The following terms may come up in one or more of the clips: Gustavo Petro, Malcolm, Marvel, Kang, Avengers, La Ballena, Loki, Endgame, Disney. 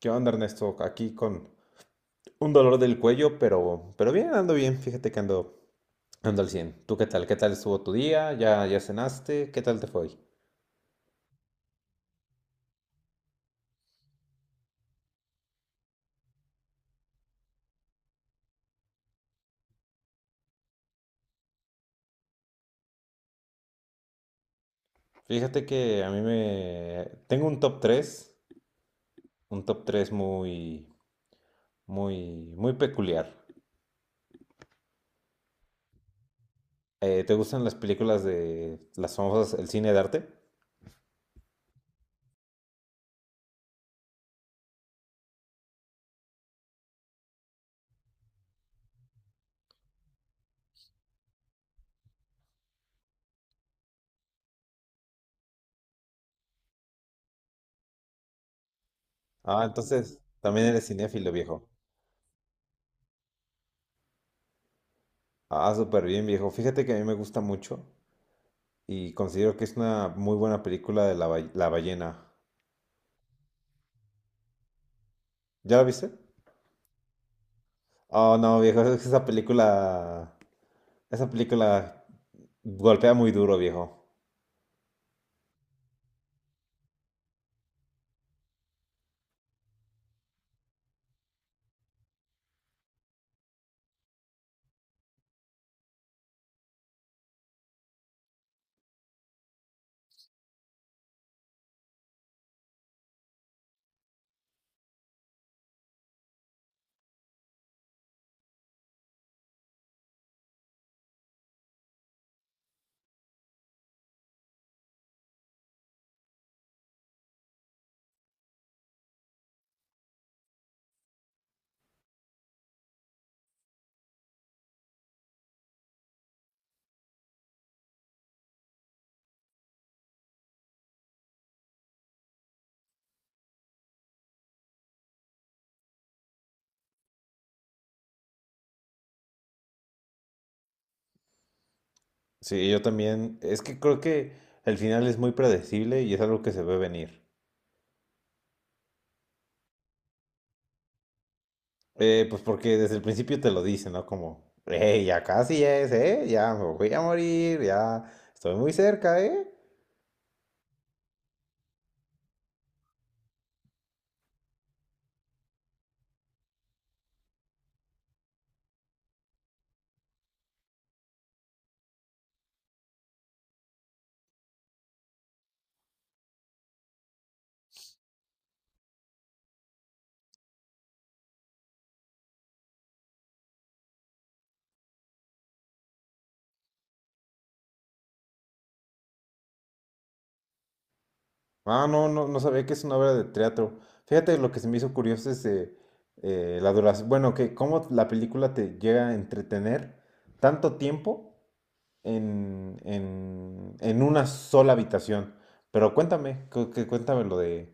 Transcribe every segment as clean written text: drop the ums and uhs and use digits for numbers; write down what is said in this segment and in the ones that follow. ¿Qué onda, Ernesto? Aquí con un dolor del cuello, pero bien, ando bien. Fíjate que ando al 100. ¿Tú qué tal? ¿Qué tal estuvo tu día? ¿Ya cenaste? ¿Qué tal te fue hoy? Fíjate que a mí me... Tengo un top tres muy, muy, muy peculiar. ¿Te gustan las películas de las famosas, el cine de arte? Ah, entonces también eres cinéfilo, viejo. Ah, súper bien, viejo. Fíjate que a mí me gusta mucho y considero que es una muy buena película de La Ballena. ¿Ya la viste? Oh, no, viejo, es que esa película golpea muy duro, viejo. Sí, yo también. Es que creo que el final es muy predecible y es algo que se ve venir. Pues porque desde el principio te lo dicen, ¿no? Como, hey, ya casi es, ¿eh? Ya me voy a morir, ya estoy muy cerca, ¿eh? Ah, no, no, no sabía que es una obra de teatro. Fíjate, lo que se me hizo curioso es la duración, bueno, que cómo la película te llega a entretener tanto tiempo en una sola habitación. Pero cuéntame, cuéntame lo de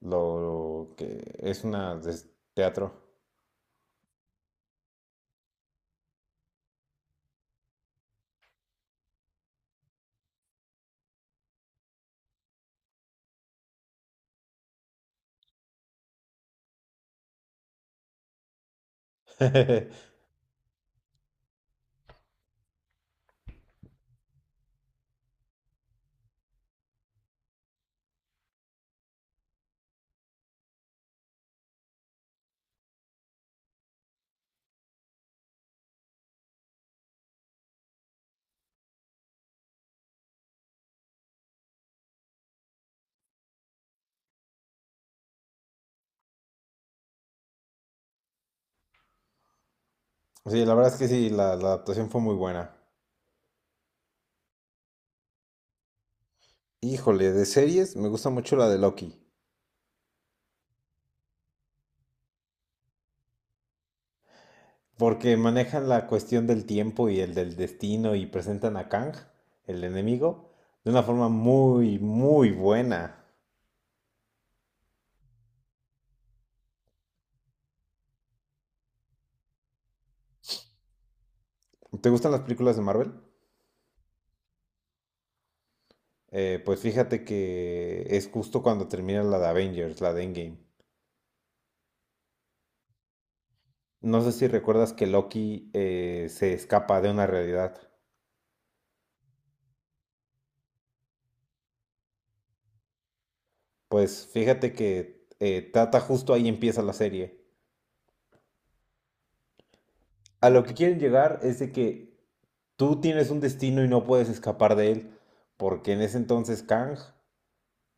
lo que es una de teatro. Sí, la verdad es que sí, la adaptación fue muy buena. Híjole, de series me gusta mucho la de Loki, porque manejan la cuestión del tiempo y el del destino y presentan a Kang, el enemigo, de una forma muy, muy buena. ¿Te gustan las películas de Marvel? Pues fíjate que es justo cuando termina la de Avengers, la de Endgame. No sé si recuerdas que Loki se escapa de una realidad. Pues fíjate que trata justo ahí empieza la serie. A lo que quieren llegar es de que tú tienes un destino y no puedes escapar de él, porque en ese entonces Kang,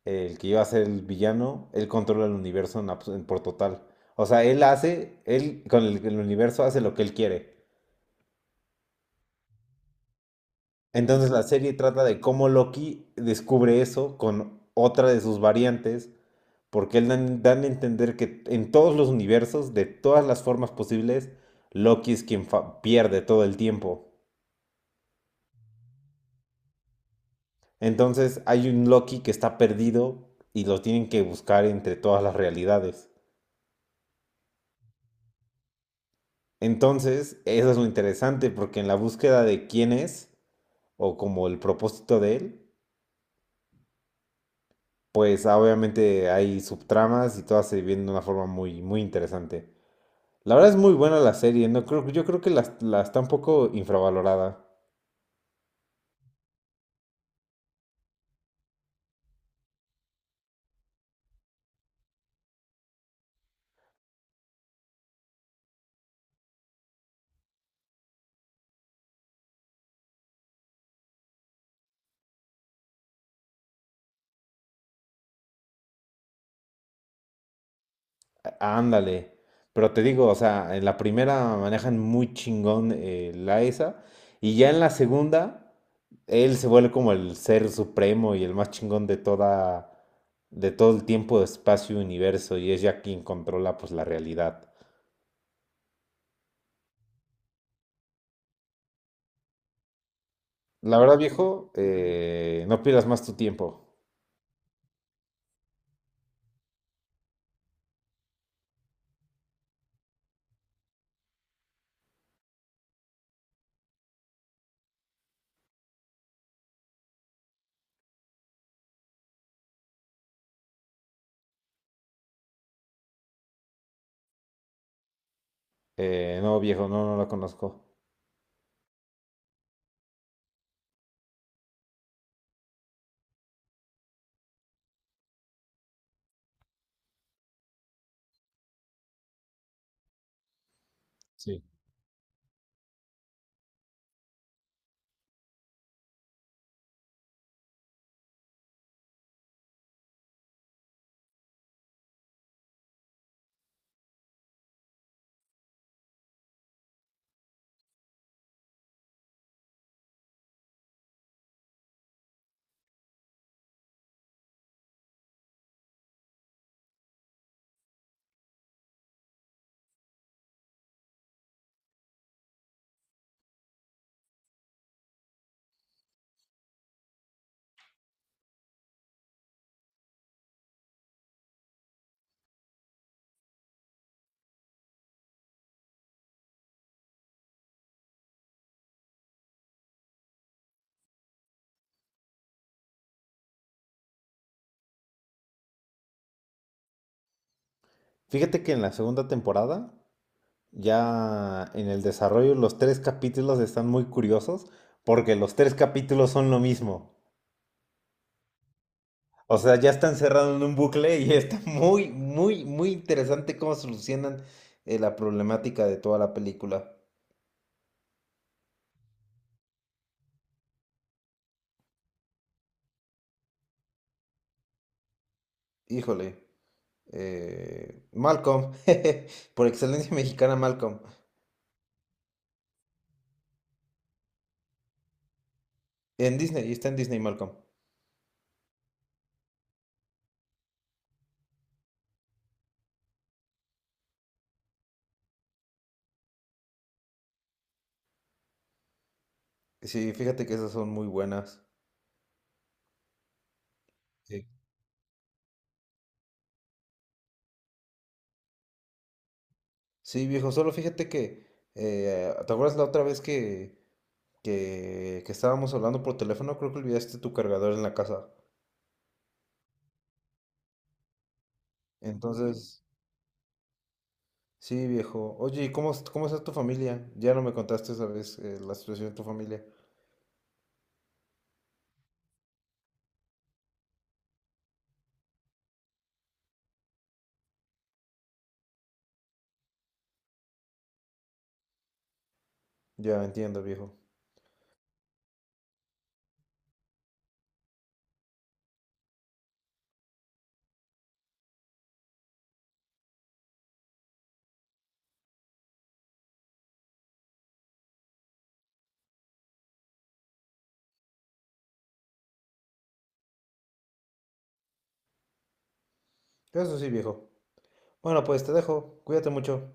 el que iba a ser el villano, él controla el universo en en por total. O sea, él hace, él con el universo hace lo que él quiere. Entonces la serie trata de cómo Loki descubre eso con otra de sus variantes, porque él dan a entender que en todos los universos, de todas las formas posibles, Loki es quien pierde todo el tiempo. Entonces hay un Loki que está perdido y lo tienen que buscar entre todas las realidades. Entonces, eso es lo interesante, porque en la búsqueda de quién es, o como el propósito de él, pues obviamente hay subtramas y todas se viven de una forma muy, muy interesante. La verdad es muy buena la serie, no creo, yo creo que la está un poco infravalorada. Ándale. Pero te digo, o sea, en la primera manejan muy chingón la esa. Y ya en la segunda, él se vuelve como el ser supremo y el más chingón de toda, de todo el tiempo, espacio, universo. Y es ya quien controla pues la realidad. La verdad, viejo, no pierdas más tu tiempo. No, viejo, no, no la conozco. Sí. Fíjate que en la segunda temporada ya en el desarrollo los tres capítulos están muy curiosos porque los tres capítulos son lo mismo. O sea, ya están cerrados en un bucle y está muy, muy, muy interesante cómo solucionan la problemática de toda la película. Híjole, Malcolm, por excelencia mexicana Malcolm, en Disney, está en Disney Malcolm. Sí, fíjate que esas son muy buenas. Sí, Sí, viejo, solo fíjate que, ¿te acuerdas la otra vez que que estábamos hablando por teléfono, creo que olvidaste tu cargador en la casa? Entonces, sí, viejo. Oye, ¿y cómo, cómo está tu familia? Ya no me contaste esa vez la situación de tu familia. Ya entiendo, viejo. Eso sí, viejo. Bueno, pues te dejo. Cuídate mucho.